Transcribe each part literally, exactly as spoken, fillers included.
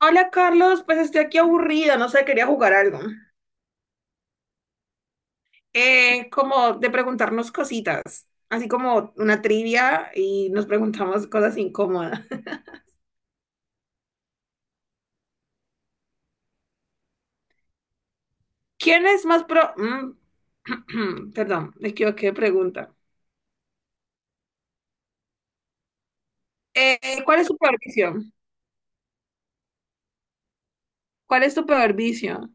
Hola Carlos, pues estoy aquí aburrida, no sé, quería jugar algo. Eh, como de preguntarnos cositas, así como una trivia y nos preguntamos cosas incómodas. ¿Quién es más pro... mm, Perdón, me equivoqué de pregunta. Eh, ¿cuál es tu peor vicio? ¿Cuál es tu peor vicio?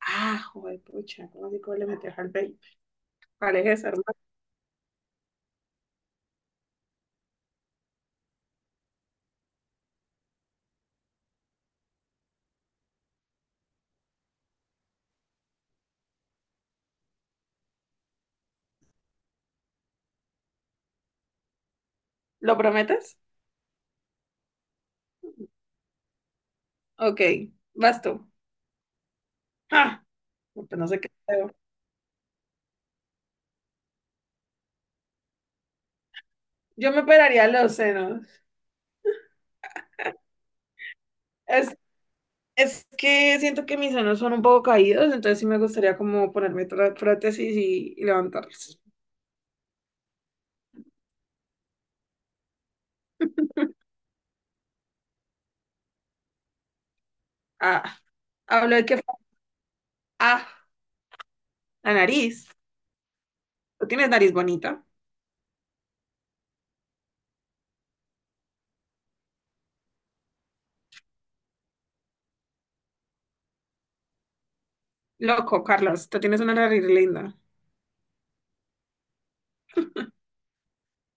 Ah, joder, pucha, ¿cómo así cómo le metes al vape? ¿Cuál es esa, hermano? ¿Lo prometes? Ok, vas tú. Ah, pues no sé qué pedo. Yo me operaría los senos. Es Es que siento que mis senos son un poco caídos, entonces sí me gustaría como ponerme tra- prótesis y, y levantarlos. Ah, hablo de que... Ah, la nariz. Tú tienes nariz bonita. Loco, Carlos, tú tienes una nariz linda.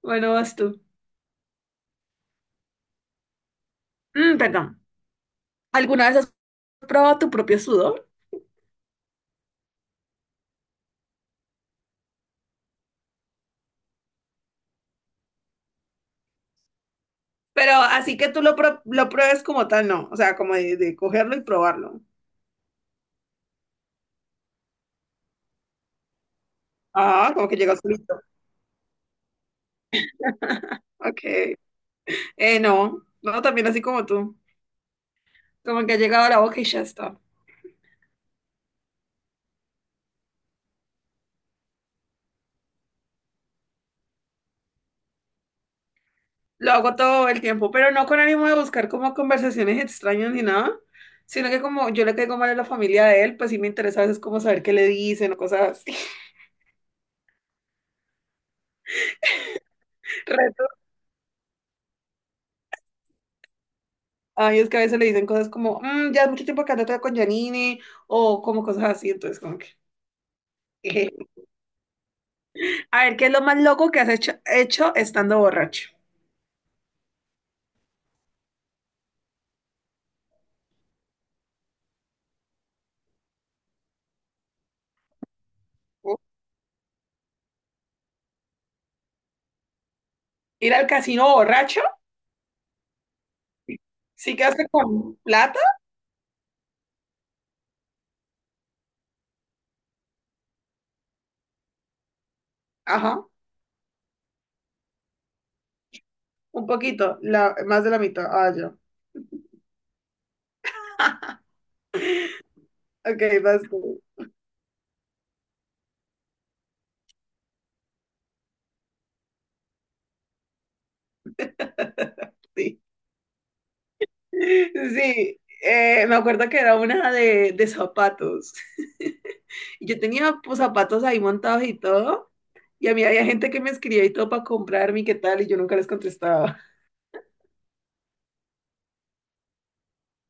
Bueno, vas tú. Mm, perdón. ¿Alguna vez has probado tu propio sudor? Pero así que tú lo, pro- lo pruebes como tal, no. O sea, como de, de cogerlo y probarlo. Ah, como que llega solito. Ok. Eh, no, no, también así como tú. Como que ha llegado a la boca y ya está. Lo hago todo el tiempo, pero no con ánimo de buscar como conversaciones extrañas ni nada, sino que como yo le caigo mal a la familia de él, pues sí me interesa a veces como saber qué le dicen o cosas así. Reto. Ay, es que a veces le dicen cosas como, "Mm, ya es mucho tiempo que andas con Janine, o como cosas así, entonces como que... Jeje. A ver, ¿qué es lo más loco que has hecho, hecho estando borracho? ¿Ir al casino borracho? Sí quedaste con plata. Ajá, un poquito, la, más de la mitad. Ah, ya. Ok, vas tú. Sí. Sí, eh, me acuerdo que era una de, de zapatos. Y yo tenía pues, zapatos ahí montados y todo. Y a mí había gente que me escribía y todo para comprarme y qué tal, y yo nunca les contestaba.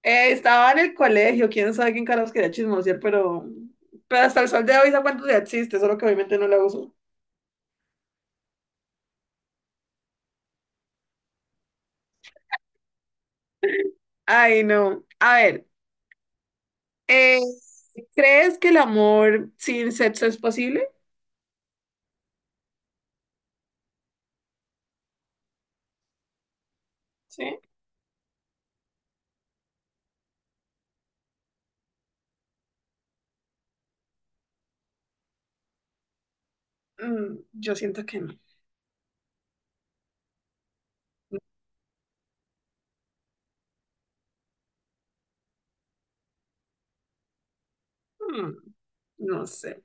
Eh, estaba en el colegio, quién sabe quién carajos quería chismosear, pero, pero hasta el sol de hoy esa cuánto ya existe, solo que obviamente no la uso. Ay, no. A ver, eh, ¿crees que el amor sin sexo es posible? Sí. Mm, yo siento que no. Mm, no sé.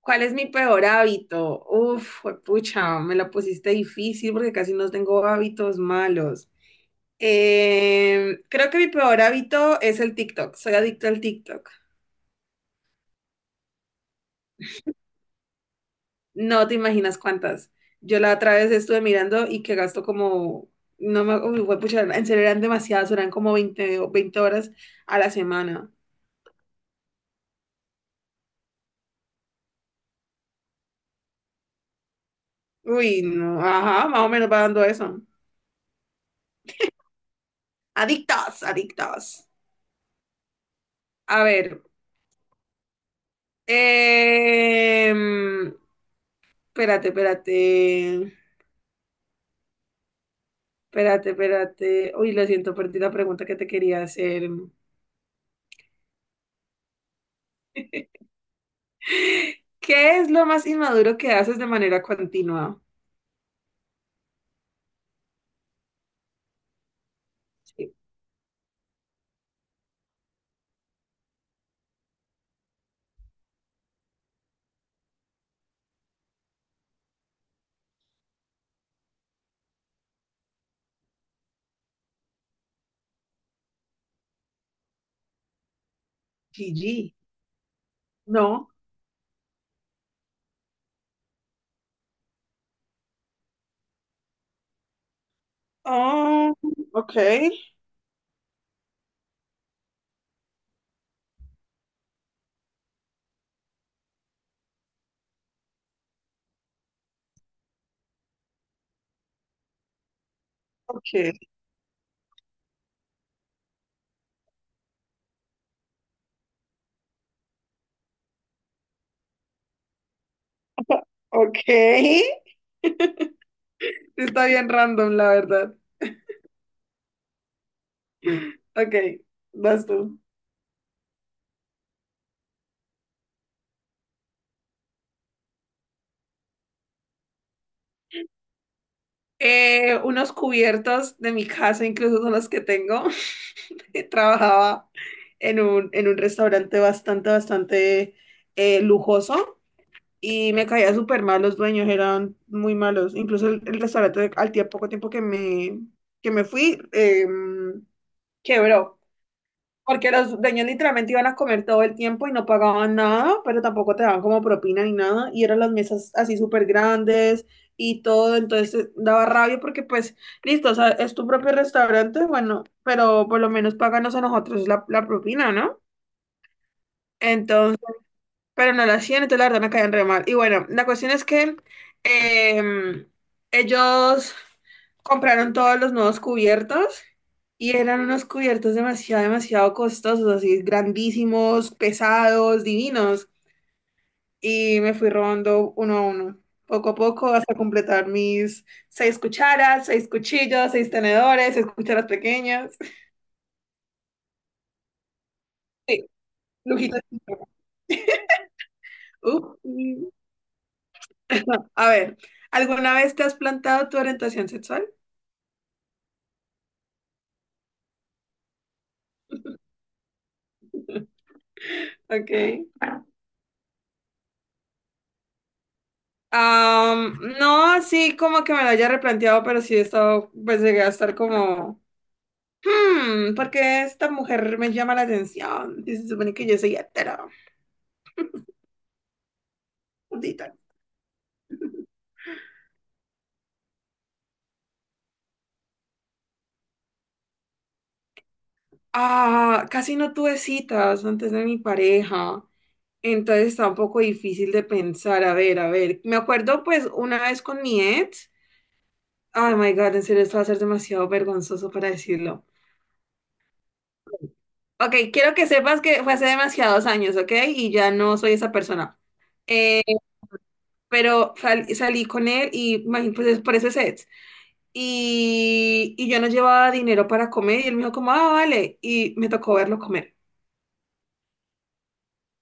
¿Cuál es mi peor hábito? Uf, pucha, me la pusiste difícil porque casi no tengo hábitos malos. Eh, creo que mi peor hábito es el TikTok. Soy adicto al TikTok. No te imaginas cuántas. Yo la otra vez estuve mirando y que gasto como, no me, uy, pucha, en serio eran demasiadas, eran como veinte, o veinte horas a la semana. Uy, no, ajá, más o menos va dando eso. Adictos, adictos. A ver, em, espérate, espérate, espérate, espérate. Uy, lo siento, perdí la pregunta que te quería hacer. ¿Qué es lo más inmaduro que haces de manera continua? Sí. G G. No. Oh, ok, ok, ok. Está bien random, la verdad. Ok, vas tú. Eh, unos cubiertos de mi casa, incluso son los que tengo. Trabajaba en un, en un restaurante bastante, bastante eh, lujoso y me caía súper mal. Los dueños eran muy malos. Incluso el, el restaurante, al tiempo, poco tiempo que me, que me fui, eh, quebró. Porque los dueños literalmente iban a comer todo el tiempo y no pagaban nada, pero tampoco te daban como propina ni nada. Y eran las mesas así súper grandes y todo. Entonces eh, daba rabia porque pues, listo, o sea, es tu propio restaurante, bueno, pero por lo menos páganos a nosotros la, la propina, ¿no? Pero no lo hacían, entonces la verdad me caían re mal. Y bueno, la cuestión es que em, ellos compraron todos los nuevos cubiertos y eran unos cubiertos demasiado, demasiado costosos, así grandísimos, pesados, divinos. Y me fui robando uno a uno, poco a poco, hasta completar mis seis cucharas, seis cuchillos, seis tenedores, seis cucharas pequeñas. Sí, lujitos. Uf, sí. A ver, ¿alguna vez te has plantado tu orientación sexual? Okay. Am, no, así como que me lo haya replanteado, pero sí he estado, pues llegué a estar como, hmm, ¿por qué esta mujer me llama la atención? Y se supone que yo soy hetero. Maldita". Ah, casi no tuve citas antes de mi pareja, entonces está un poco difícil de pensar. A ver, a ver, me acuerdo pues una vez con mi ex. Oh my God, en serio, esto va a ser demasiado vergonzoso para decirlo. Ok, quiero que sepas que fue hace demasiados años, ¿ok? Y ya no soy esa persona. Eh, pero sal- salí con él y imagín- pues es por ese set. Y, y yo no llevaba dinero para comer y él me dijo como, ah, vale. Y me tocó verlo comer.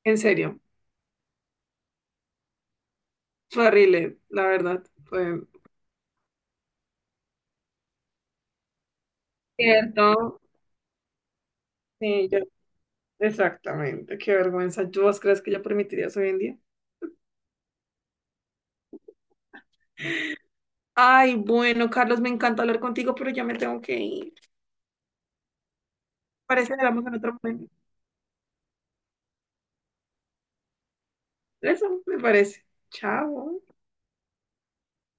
En serio. Fue horrible, la verdad. Fue cierto. Sí, yo- exactamente. Qué vergüenza. ¿Tú vos crees que yo permitiría hoy en día? Ay, bueno, Carlos, me encanta hablar contigo, pero ya me tengo que ir. Parece que hablamos en otro momento. Eso, me parece. Chao.